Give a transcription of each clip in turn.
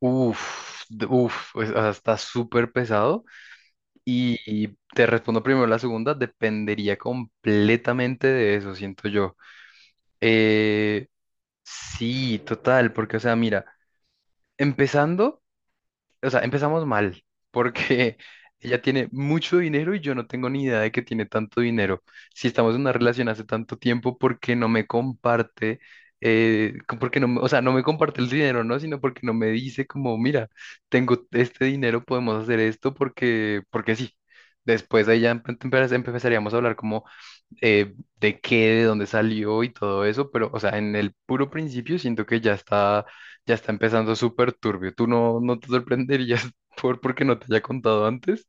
Pues, o sea, está súper pesado. Y te respondo primero la segunda, dependería completamente de eso, siento yo. Eh, sí, total, porque, o sea, mira, empezando empezamos mal, porque ella tiene mucho dinero y yo no tengo ni idea de que tiene tanto dinero. Si estamos en una relación hace tanto tiempo, ¿por qué no me comparte? Porque o sea, no me comparte el dinero, ¿no? Sino porque no me dice como, mira, tengo este dinero, podemos hacer esto porque, porque sí. Después ahí ya empezaríamos a hablar como eh, de qué, de dónde salió y todo eso, pero, o sea, en el puro principio siento que ya está empezando súper turbio. ¿Tú no te sorprenderías porque no te haya contado antes?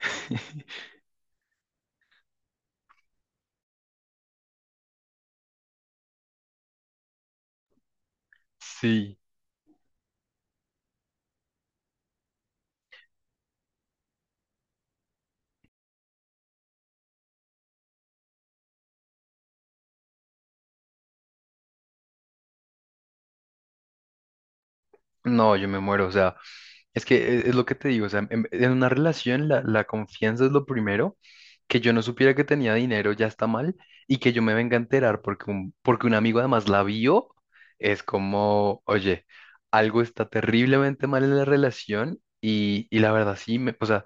Sí. No, yo me muero, o sea, es que es, lo que te digo, o sea, en una relación la confianza es lo primero, que yo no supiera que tenía dinero ya está mal y que yo me venga a enterar porque porque un amigo además la vio, es como, oye, algo está terriblemente mal en la relación y la verdad sí, o sea,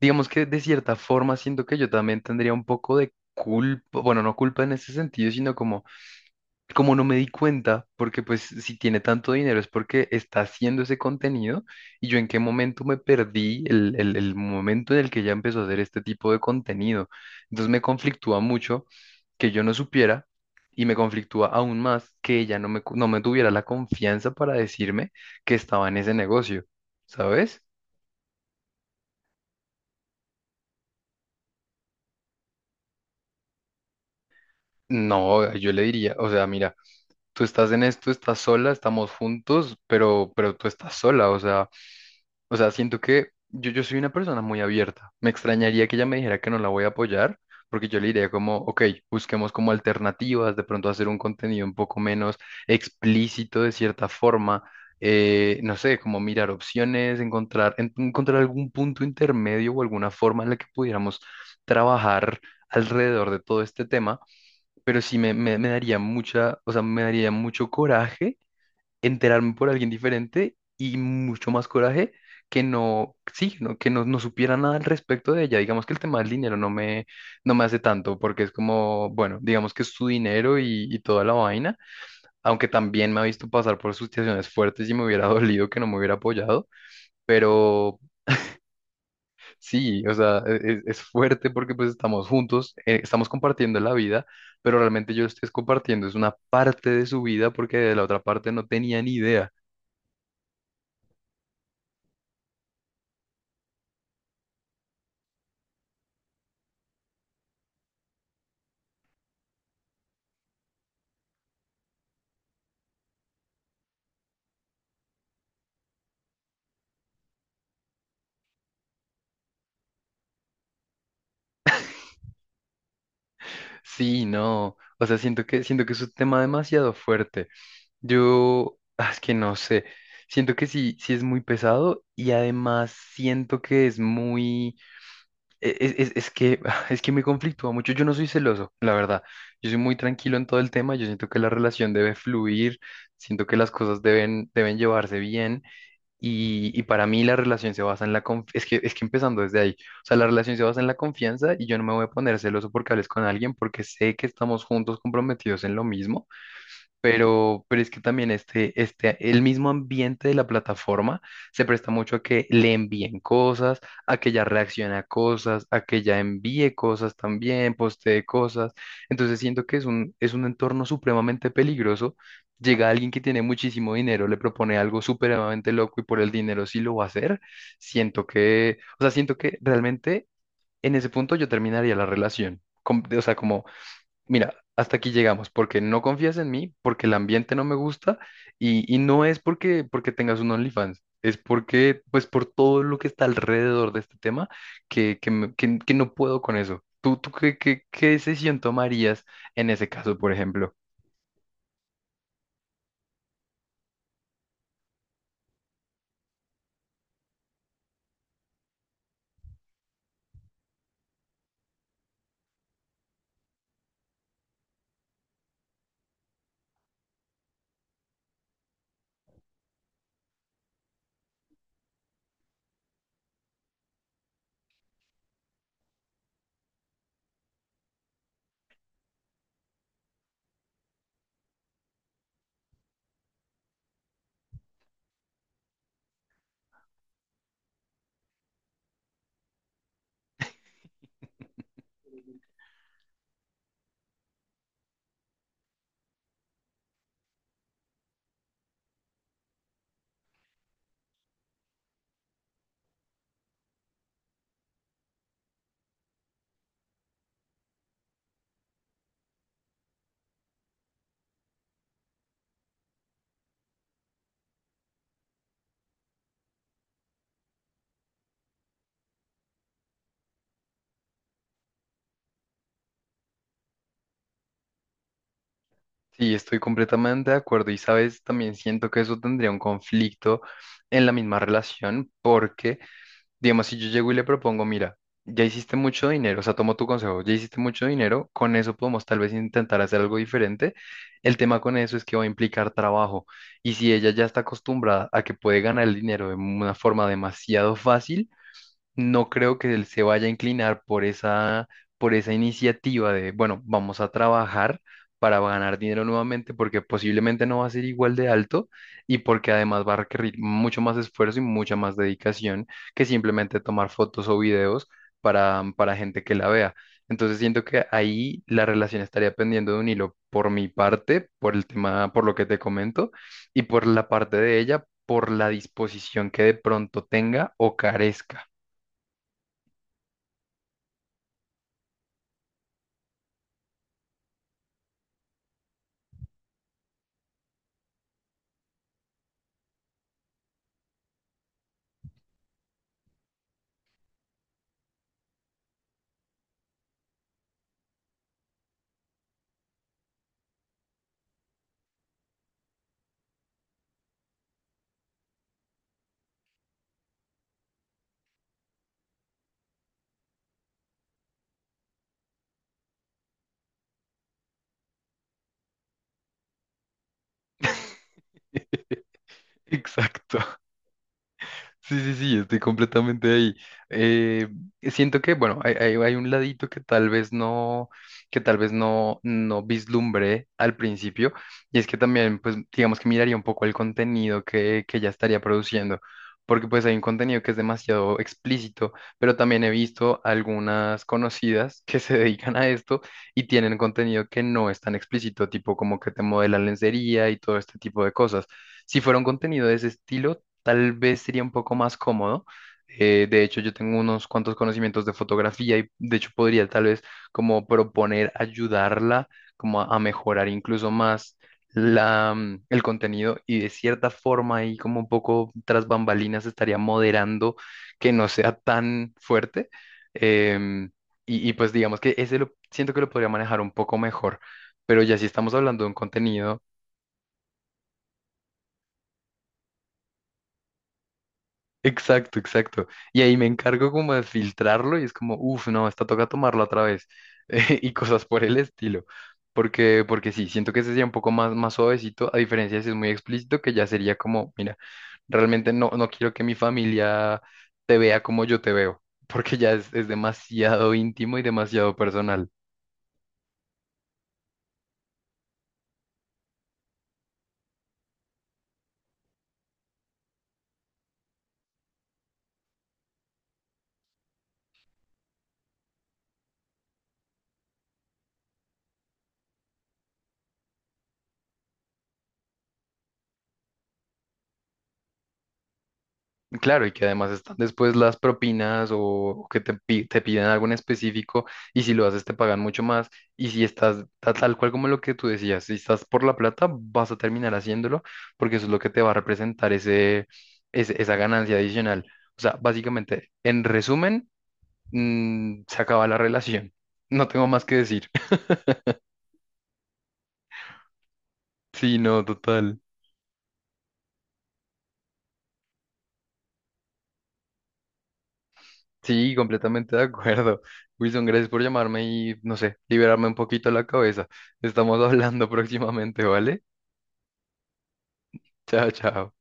digamos que de cierta forma siento que yo también tendría un poco de culpa, bueno, no culpa en ese sentido, sino como no me di cuenta, porque pues si tiene tanto dinero es porque está haciendo ese contenido y yo en qué momento me perdí el momento en el que ya empezó a hacer este tipo de contenido. Entonces me conflictúa mucho que yo no supiera y me conflictúa aún más que ella no no me tuviera la confianza para decirme que estaba en ese negocio, ¿sabes? No, yo le diría, o sea, mira, tú estás en esto, estás sola, estamos juntos, pero tú estás sola, o sea... O sea, siento que yo soy una persona muy abierta. Me extrañaría que ella me dijera que no la voy a apoyar, porque yo le diría como, ok, busquemos como alternativas, de pronto hacer un contenido un poco menos explícito de cierta forma, no sé, como mirar opciones, encontrar algún punto intermedio o alguna forma en la que pudiéramos trabajar alrededor de todo este tema, pero sí me daría mucha, o sea, me daría mucho coraje enterarme por alguien diferente y mucho más coraje que no supiera nada al respecto de ella. Digamos que el tema del dinero no no me hace tanto porque es como, bueno, digamos que es su dinero y toda la vaina, aunque también me ha visto pasar por situaciones fuertes y me hubiera dolido que no me hubiera apoyado, pero sí, o sea, es, fuerte porque pues estamos juntos, estamos compartiendo la vida. Pero realmente yo lo estoy compartiendo, es una parte de su vida porque de la otra parte no tenía ni idea. Sí, no, o sea, siento que es un tema demasiado fuerte. Es que no sé, siento que sí, sí es muy pesado y además siento que es muy, es que, ah, es que me conflictúa mucho. Yo no soy celoso, la verdad. Yo soy muy tranquilo en todo el tema. Yo siento que la relación debe fluir, siento que las cosas deben llevarse bien. Y para mí la relación se basa en la confianza, es que empezando desde ahí, o sea, la relación se basa en la confianza y yo no me voy a poner celoso porque hables con alguien porque sé que estamos juntos comprometidos en lo mismo pero, es que también este, el mismo ambiente de la plataforma se presta mucho a que le envíen cosas, a que ella reaccione a cosas, a que ella envíe cosas también, postee cosas. Entonces siento que es es un entorno supremamente peligroso. Llega alguien que tiene muchísimo dinero, le propone algo supremamente loco y por el dinero sí lo va a hacer. Siento que realmente en ese punto yo terminaría la relación. Com- O sea, como Mira, hasta aquí llegamos, porque no confías en mí, porque el ambiente no me gusta y no es porque, porque tengas un OnlyFans, es porque, pues por todo lo que está alrededor de este tema, que no puedo con eso. ¿Tú, qué decisión tomarías en ese caso, por ejemplo? Sí, estoy completamente de acuerdo y sabes, también siento que eso tendría un conflicto en la misma relación porque digamos, si yo llego y le propongo, mira, ya hiciste mucho dinero, o sea, tomo tu consejo, ya hiciste mucho dinero, con eso podemos tal vez intentar hacer algo diferente. El tema con eso es que va a implicar trabajo. Y si ella ya está acostumbrada a que puede ganar el dinero de una forma demasiado fácil, no creo que él se vaya a inclinar por esa iniciativa de, bueno, vamos a trabajar para ganar dinero nuevamente, porque posiblemente no va a ser igual de alto y porque además va a requerir mucho más esfuerzo y mucha más dedicación que simplemente tomar fotos o videos para gente que la vea. Entonces siento que ahí la relación estaría pendiendo de un hilo por mi parte, por el tema, por lo que te comento, y por la parte de ella, por la disposición que de pronto tenga o carezca. Exacto. Sí, sí, sí, estoy completamente ahí. Eh, siento que, bueno, hay un ladito que tal vez no, que tal vez no, no vislumbré al principio, y es que también, pues, digamos que miraría un poco el contenido que ya estaría produciendo, porque pues hay un contenido que es demasiado explícito, pero también he visto algunas conocidas que se dedican a esto y tienen contenido que no es tan explícito, tipo como que te modelan lencería y todo este tipo de cosas. Si fuera un contenido de ese estilo, tal vez sería un poco más cómodo. De hecho, yo tengo unos cuantos conocimientos de fotografía y de hecho podría tal vez como proponer ayudarla como a mejorar incluso más el contenido y de cierta forma y como un poco tras bambalinas estaría moderando que no sea tan fuerte. Em, y pues digamos que ese lo siento que lo podría manejar un poco mejor. Pero ya si estamos hablando de un contenido exacto, exacto. Y ahí me encargo como de filtrarlo y es como, uff, no, esta toca tomarlo otra vez. y cosas por el estilo. Porque, porque sí, siento que ese sería un poco más, más suavecito, a diferencia de si es muy explícito, que ya sería como, mira, realmente no, no quiero que mi familia te vea como yo te veo, porque ya es demasiado íntimo y demasiado personal. Claro, y que además están después las propinas o que te piden algo en específico y si lo haces te pagan mucho más y si estás tal cual como lo que tú decías, si estás por la plata vas a terminar haciéndolo porque eso es lo que te va a representar esa ganancia adicional. O sea, básicamente, en resumen, se acaba la relación. No tengo más que decir. Sí, no, total. Sí, completamente de acuerdo. Wilson, gracias por llamarme y, no sé, liberarme un poquito la cabeza. Estamos hablando próximamente, ¿vale? Chao, chao.